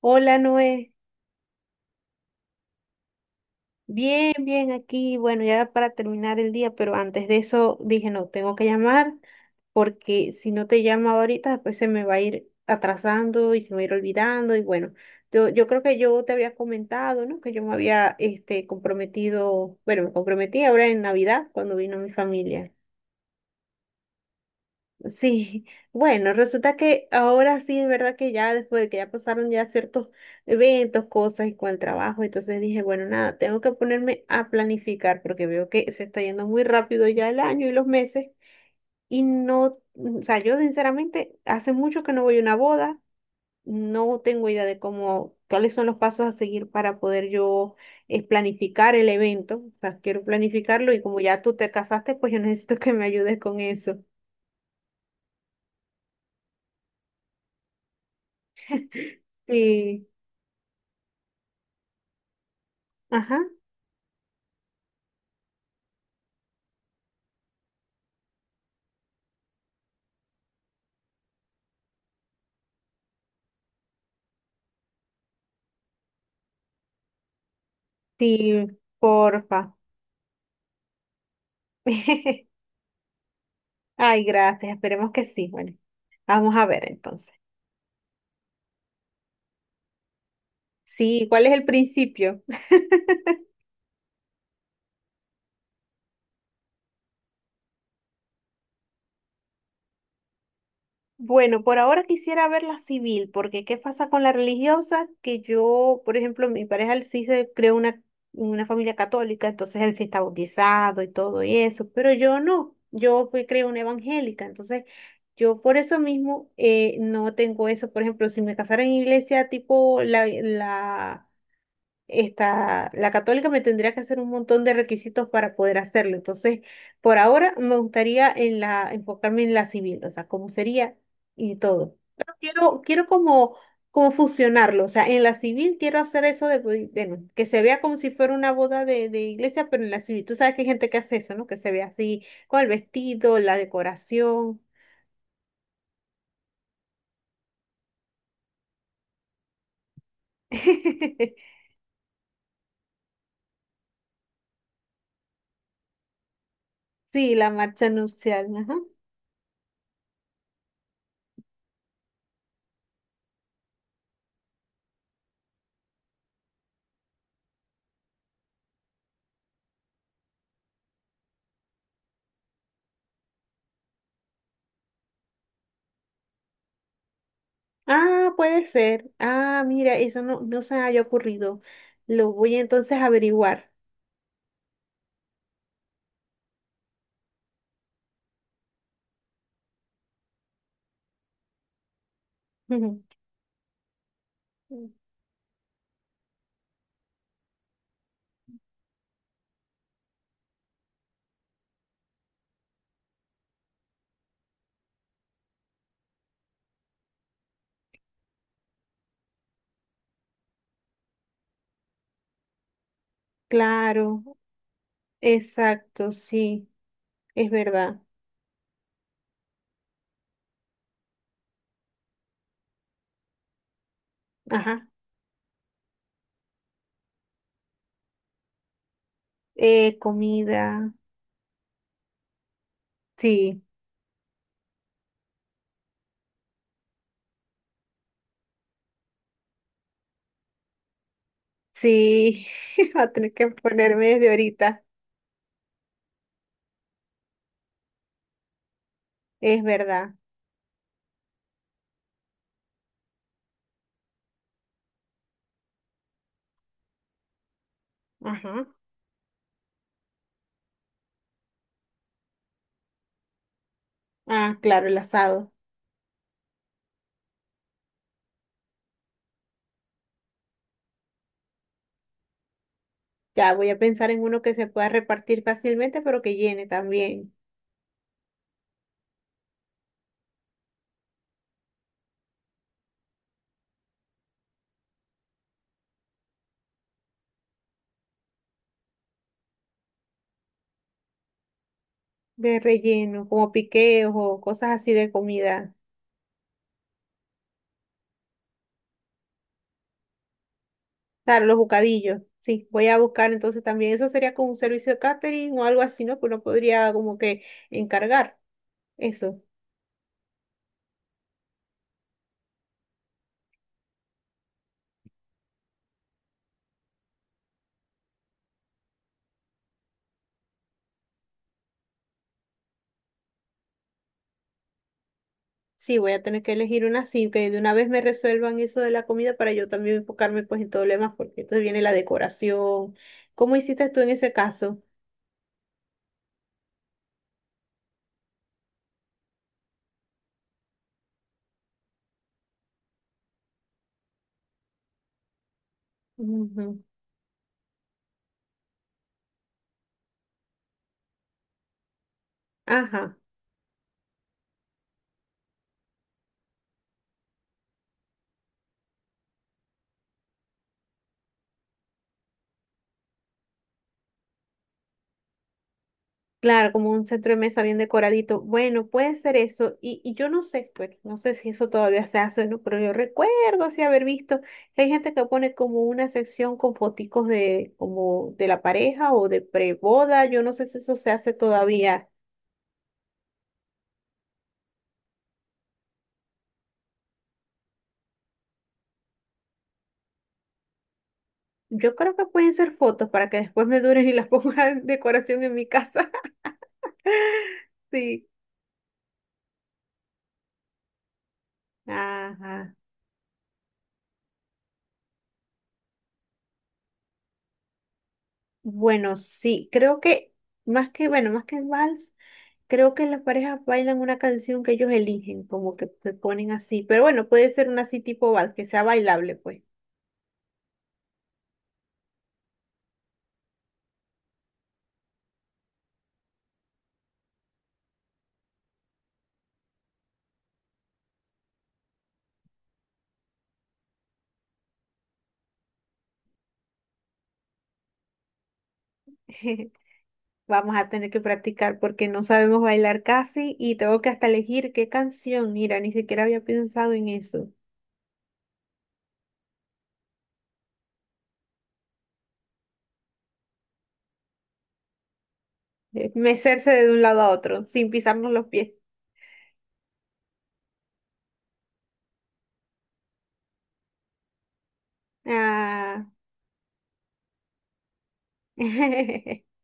Hola Noé, bien, bien aquí. Bueno, ya para terminar el día, pero antes de eso dije, no, tengo que llamar porque si no te llamo ahorita, después se me va a ir atrasando y se me va a ir olvidando. Y bueno, yo creo que yo te había comentado, ¿no? Que yo me había comprometido, bueno, me comprometí ahora en Navidad cuando vino mi familia. Sí, bueno, resulta que ahora sí es verdad que ya después de que ya pasaron ya ciertos eventos, cosas y con el trabajo, entonces dije, bueno, nada, tengo que ponerme a planificar porque veo que se está yendo muy rápido ya el año y los meses y no, o sea, yo sinceramente hace mucho que no voy a una boda, no tengo idea de cómo, cuáles son los pasos a seguir para poder yo planificar el evento, o sea, quiero planificarlo y como ya tú te casaste, pues yo necesito que me ayudes con eso. Sí. Ajá, sí, porfa. Ay, gracias, esperemos que sí. Bueno, vamos a ver entonces. Sí, ¿cuál es el principio? Bueno, por ahora quisiera ver la civil, porque ¿qué pasa con la religiosa? Que yo, por ejemplo, mi pareja él sí se creó una familia católica, entonces él sí está bautizado y todo y eso, pero yo no, yo fui creo una evangélica, entonces yo por eso mismo no tengo eso. Por ejemplo, si me casara en iglesia tipo la esta, la católica me tendría que hacer un montón de requisitos para poder hacerlo. Entonces, por ahora me gustaría en la, enfocarme en la civil, o sea, cómo sería y todo. Pero quiero como, como fusionarlo, o sea, en la civil quiero hacer eso de, pues, bueno, que se vea como si fuera una boda de iglesia, pero en la civil. Tú sabes que hay gente que hace eso, ¿no? Que se ve así, con el vestido, la decoración. Sí, la marcha nupcial, ajá. Ah, puede ser. Ah, mira, eso no, no se me había ocurrido. Lo voy entonces a averiguar. Ujú. Claro, exacto, sí, es verdad. Ajá. Comida. Sí, sí, va a tener que ponerme desde ahorita. Es verdad. Ajá. Ah, claro, el asado. Ya voy a pensar en uno que se pueda repartir fácilmente, pero que llene también. De relleno, como piqueos o cosas así de comida. Claro, los bocadillos. Sí, voy a buscar entonces también. Eso sería como un servicio de catering o algo así, ¿no? Que uno podría como que encargar eso. Sí, voy a tener que elegir una así, que de una vez me resuelvan eso de la comida para yo también enfocarme pues en todo lo demás, porque entonces viene la decoración. ¿Cómo hiciste tú en ese caso? Ujú. Ajá. Claro, como un centro de mesa bien decoradito. Bueno, puede ser eso. Y yo no sé, bueno, no sé si eso todavía se hace, ¿no? Pero yo recuerdo así haber visto que hay gente que pone como una sección con foticos de, como de la pareja o de preboda. Yo no sé si eso se hace todavía. Yo creo que pueden ser fotos para que después me duren y las ponga en decoración en mi casa. Sí. Ajá. Bueno, sí, creo que más que, bueno, más que el vals. Creo que las parejas bailan una canción que ellos eligen, como que se ponen así. Pero bueno, puede ser una así tipo vals, que sea bailable, pues. Vamos a tener que practicar porque no sabemos bailar casi y tengo que hasta elegir qué canción. Mira, ni siquiera había pensado en eso. Mecerse de un lado a otro sin pisarnos los pies. Ah.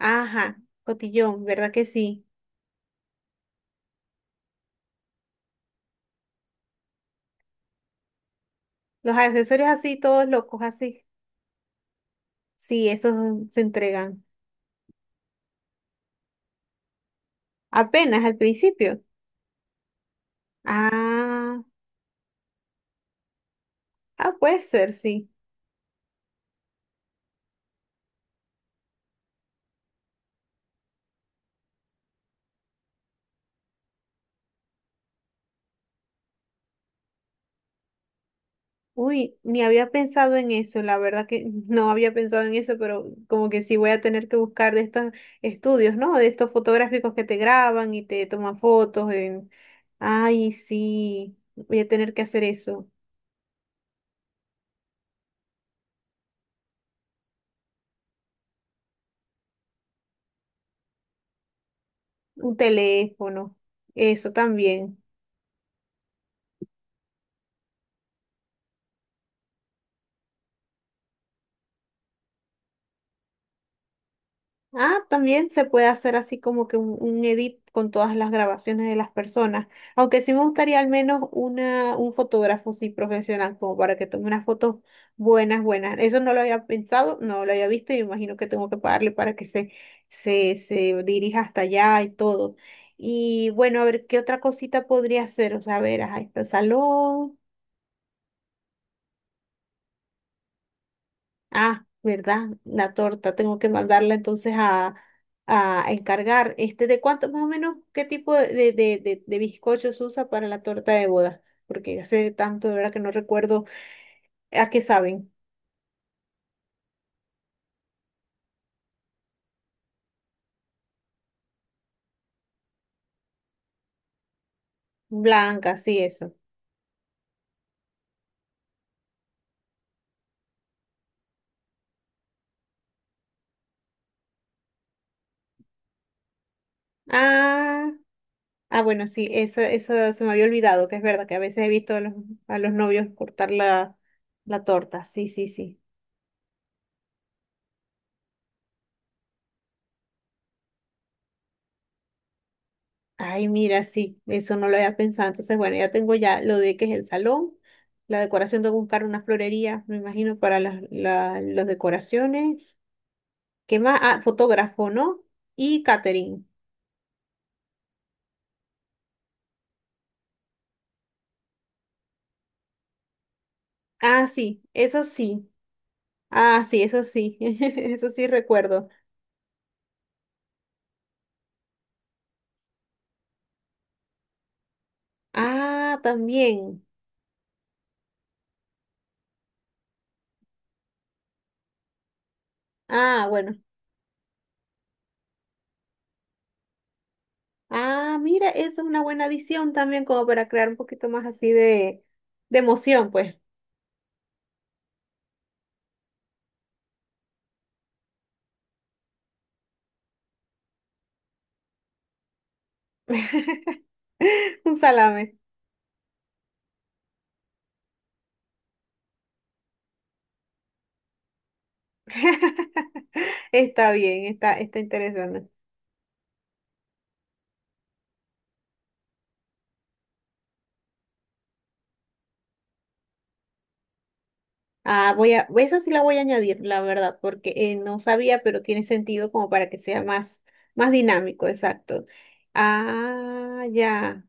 Ajá, cotillón, ¿verdad que sí? Los accesorios así, todos locos así. Sí, esos se entregan apenas al principio. Ah. Ah, puede ser, sí. Uy, ni había pensado en eso, la verdad que no había pensado en eso, pero como que sí voy a tener que buscar de estos estudios, ¿no? De estos fotográficos que te graban y te toman fotos. En... Ay, sí, voy a tener que hacer eso. Un teléfono, eso también. Ah, también se puede hacer así como que un edit con todas las grabaciones de las personas. Aunque sí me gustaría al menos una, un fotógrafo sí profesional, como para que tome unas fotos buenas, buenas. Eso no lo había pensado, no lo había visto y me imagino que tengo que pagarle para que se dirija hasta allá y todo. Y bueno, a ver, ¿qué otra cosita podría hacer? O sea, a ver, ahí está el salón. Ah, ¿verdad? La torta, tengo que mandarla entonces a encargar. Este, ¿de cuánto más o menos qué tipo de bizcocho usa para la torta de boda? Porque hace tanto, de verdad, que no recuerdo a qué saben. Blanca, sí, eso. Ah, ah, bueno, sí, eso se me había olvidado, que es verdad que a veces he visto a los novios cortar la, la torta. Sí, sí, sí. Ay, mira, sí, eso no lo había pensado. Entonces, bueno, ya tengo ya lo de que es el salón, la decoración, tengo que buscar una florería, me imagino, para las las decoraciones. ¿Qué más? Ah, fotógrafo, ¿no? Y catering. Ah, sí, eso sí. Ah, sí, eso sí. Eso sí recuerdo. Ah, también. Ah, bueno. Ah, mira, eso es una buena adición también, como para crear un poquito más así de emoción, pues. Un salame. Está bien, está, está interesante. Ah, voy a, esa sí la voy a añadir, la verdad, porque no sabía, pero tiene sentido como para que sea más, más dinámico, exacto. Ah, ya.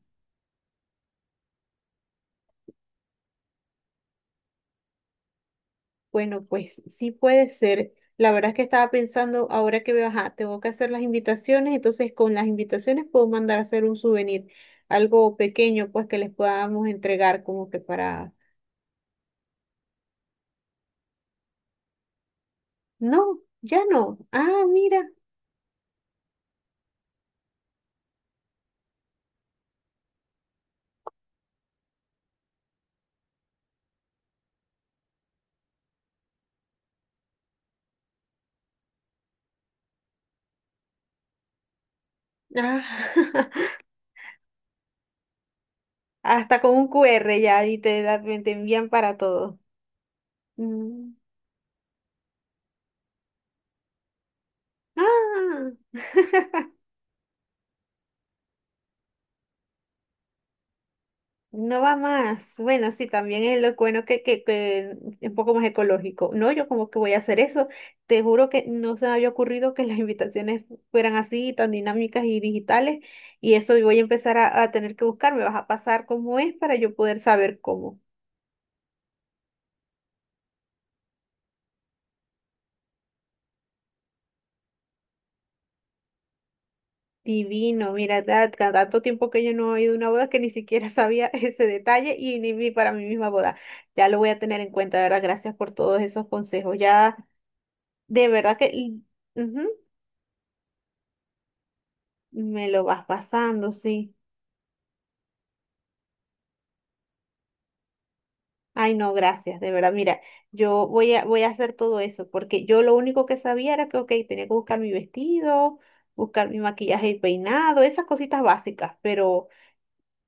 Bueno, pues sí puede ser. La verdad es que estaba pensando, ahora que veo, ajá, tengo que hacer las invitaciones, entonces con las invitaciones puedo mandar a hacer un souvenir, algo pequeño, pues que les podamos entregar como que para... No, ya no. Ah, mira. Ah, hasta con un QR ya y te, te envían para todo. Mm. Ah, no va más. Bueno, sí, también es lo bueno que es un poco más ecológico. No, yo como que voy a hacer eso. Te juro que no se me había ocurrido que las invitaciones fueran así, tan dinámicas y digitales. Y eso voy a empezar a tener que buscar. Me vas a pasar cómo es para yo poder saber cómo. Divino, mira, tanto tiempo que yo no he ido a una boda que ni siquiera sabía ese detalle y ni vi para mi misma boda. Ya lo voy a tener en cuenta, de verdad. Gracias por todos esos consejos. Ya, de verdad que... ujú. Me lo vas pasando, sí. Ay, no, gracias, de verdad. Mira, voy a hacer todo eso, porque yo lo único que sabía era que, ok, tenía que buscar mi vestido, buscar mi maquillaje y peinado, esas cositas básicas, pero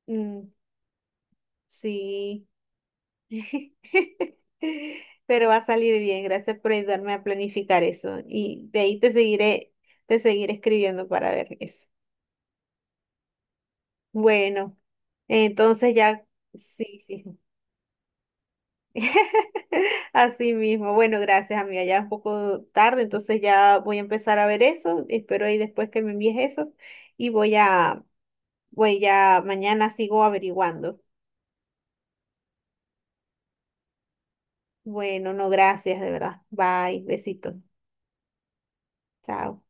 mm, sí. Pero va a salir bien, gracias por ayudarme a planificar eso. Y de ahí te seguiré escribiendo para ver eso. Bueno, entonces ya, sí, sí. Así mismo. Bueno, gracias, amiga. Ya es un poco tarde, entonces ya voy a empezar a ver eso. Espero ahí después que me envíes eso. Y voy a, voy ya, mañana sigo averiguando. Bueno, no, gracias, de verdad. Bye, besitos. Chao.